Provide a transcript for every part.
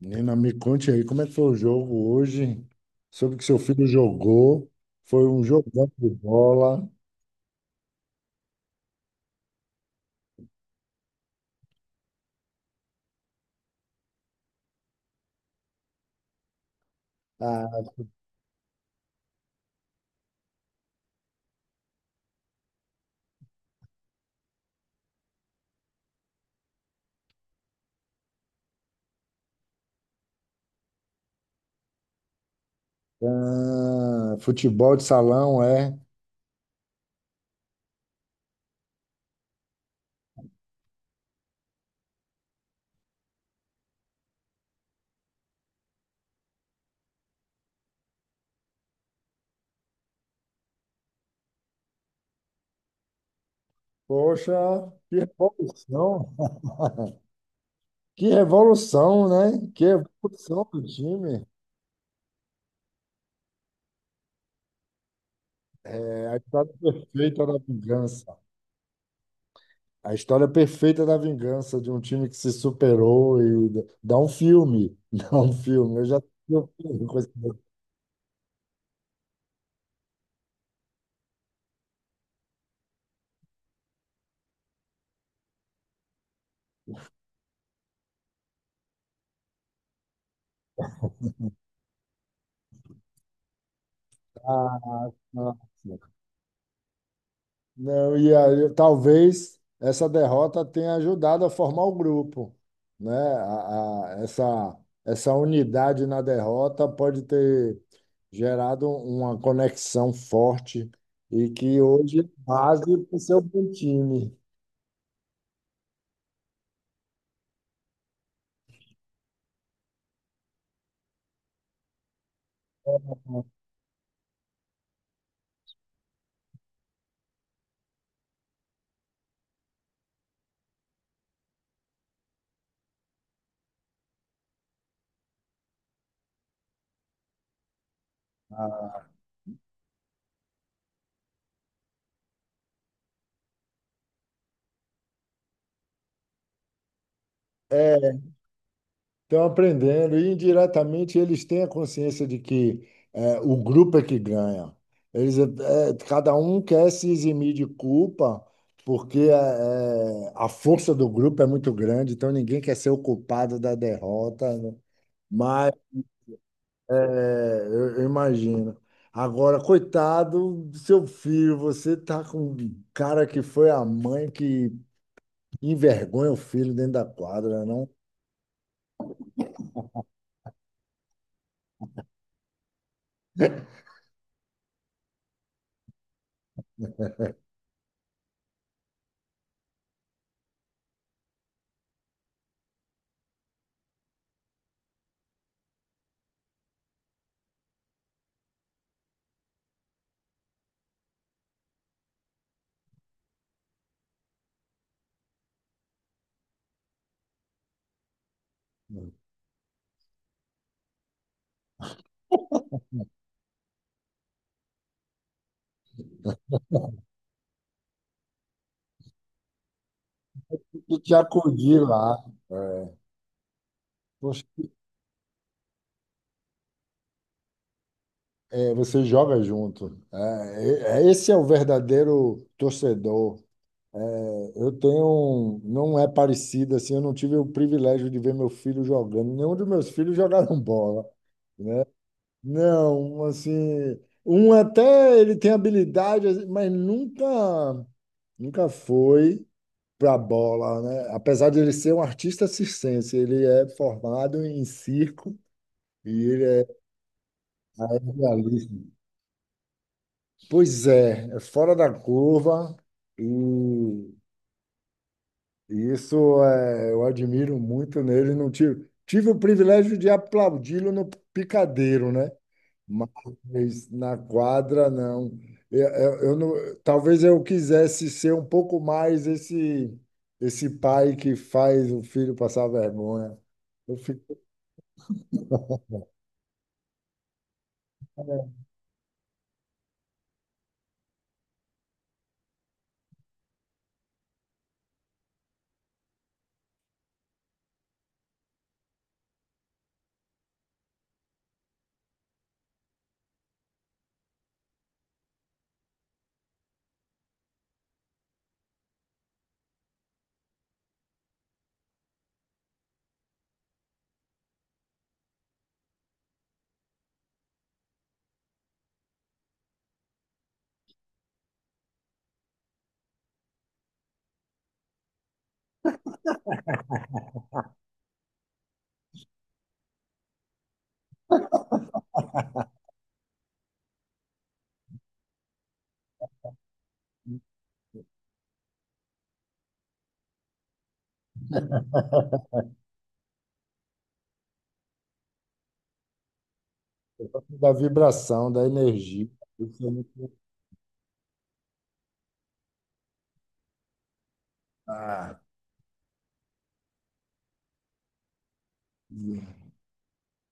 Nina, me conte aí como é que foi o jogo hoje. Soube que seu filho jogou, foi um jogão de bola. Ah, futebol de salão, é. Poxa, que revolução, que revolução, né? Que revolução do time. É a história perfeita da vingança. A história perfeita da vingança de um time que se superou e dá um filme, dá um filme. Eu já assisti o filme com esse detalhe. Não, e aí, talvez essa derrota tenha ajudado a formar o grupo, né? Essa unidade na derrota pode ter gerado uma conexão forte e que hoje é base para o seu bom time. Estão aprendendo e indiretamente eles têm a consciência de que o grupo é que ganha. Eles, cada um quer se eximir de culpa porque a força do grupo é muito grande, então ninguém quer ser o culpado da derrota, né? Mas é, eu imagino. Agora, coitado do seu filho, você tá com um cara que foi a mãe que envergonha o filho dentro da quadra, né? Não? E te acudir lá. É. Você você joga junto. É, é, esse é o verdadeiro torcedor. É, eu tenho, não é parecido assim. Eu não tive o privilégio de ver meu filho jogando. Nenhum dos meus filhos jogaram bola. Não, assim, um até ele tem habilidade, assim, mas nunca foi para bola, né? Apesar de ele ser um artista circense, ele é formado em circo e ele é aerialista. Pois é, é fora da curva e, e isso eu admiro muito nele. Não tive, tive o privilégio de aplaudi-lo no picadeiro, né? Mas na quadra, não. Eu não. Talvez eu quisesse ser um pouco mais esse pai que faz o filho passar vergonha. Eu fico da vibração, da energia. Isso é muito. Ah,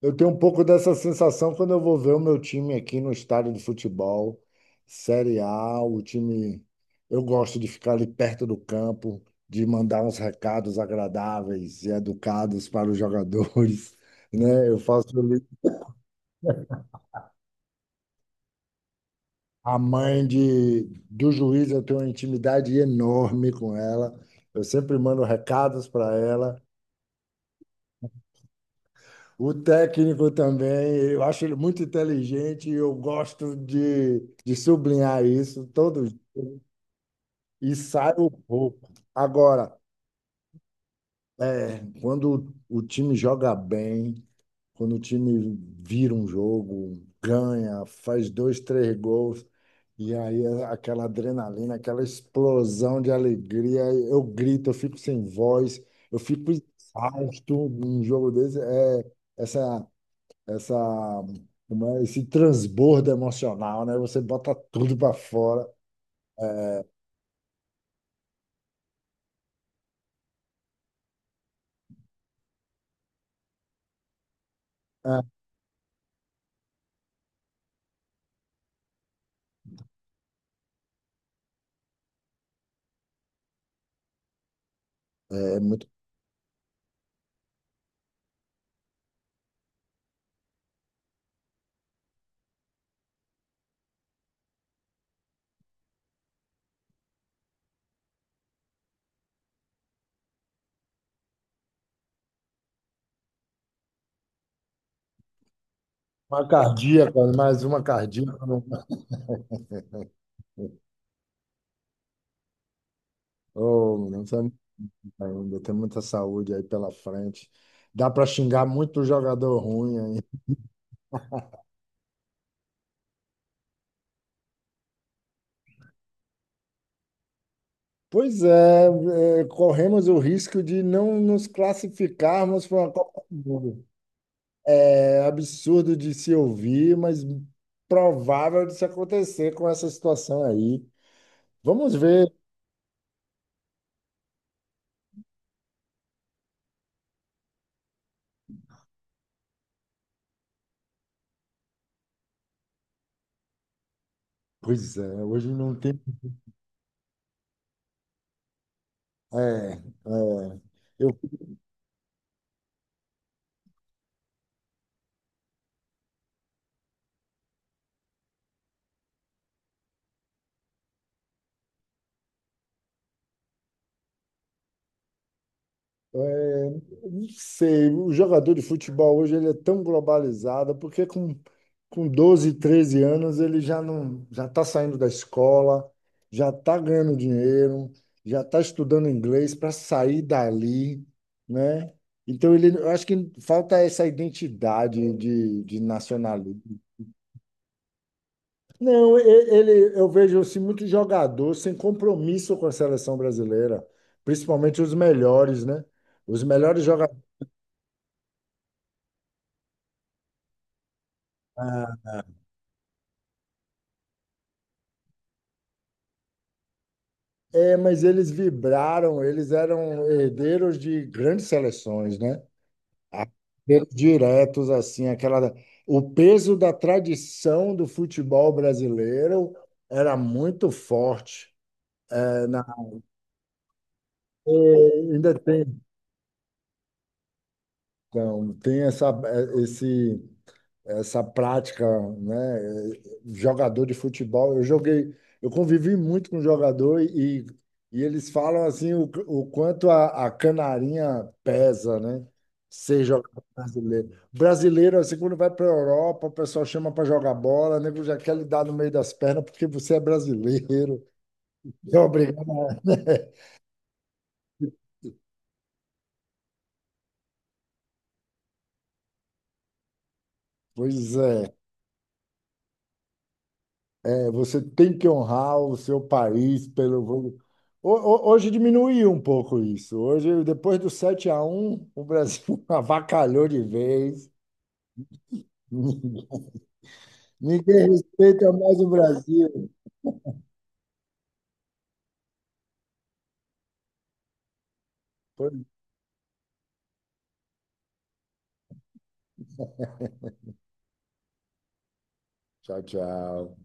eu tenho um pouco dessa sensação quando eu vou ver o meu time aqui no estádio de futebol, Série A, o time. Eu gosto de ficar ali perto do campo, de mandar uns recados agradáveis e educados para os jogadores, né? Eu faço ali. A mãe do juiz, eu tenho uma intimidade enorme com ela. Eu sempre mando recados para ela. O técnico também, eu acho ele muito inteligente e eu gosto de sublinhar isso todo e saio pouco. Agora, quando o time joga bem, quando o time vira um jogo, ganha, faz dois, três gols, e aí é aquela adrenalina, aquela explosão de alegria, eu grito, eu fico sem voz, eu fico exausto num jogo desse. É essa, essa, como é, esse transbordo emocional, né? Você bota tudo para fora. É, é muito. Uma cardíaca, mais uma cardíaca. Oh, não sei ainda, tem muita saúde aí pela frente. Dá para xingar muito jogador ruim aí. Pois é, corremos o risco de não nos classificarmos para uma Copa do Mundo. É absurdo de se ouvir, mas provável de se acontecer com essa situação aí. Vamos ver. Pois é, hoje não tem. É, é. Eu É, não sei, o jogador de futebol hoje ele é tão globalizado, porque com 12 13 anos ele já não já está saindo da escola, já está ganhando dinheiro, já está estudando inglês para sair dali, né? Então ele, eu acho que falta essa identidade de nacionalismo. Não, ele, eu vejo assim, muito jogador sem compromisso com a seleção brasileira, principalmente os melhores, né? Os melhores jogadores. É, mas eles vibraram, eles eram herdeiros de grandes seleções, né? Ah, herdeiros diretos, assim, aquela. O peso da tradição do futebol brasileiro era muito forte. É, ainda tem, então, tem essa, é, esse essa prática, né? Jogador de futebol, eu joguei, eu convivi muito com jogador e eles falam assim o quanto a canarinha pesa, né? Ser jogador brasileiro. Brasileiro, assim, quando vai para a Europa, o pessoal chama para jogar bola, o nego já quer lhe dar no meio das pernas porque você é brasileiro. É obrigado. Né? Pois é. É, você tem que honrar o seu país pelo. Hoje diminuiu um pouco isso. Hoje, depois do 7-1 o Brasil avacalhou de vez. Ninguém respeita mais o Brasil. Pois, tchau, tchau.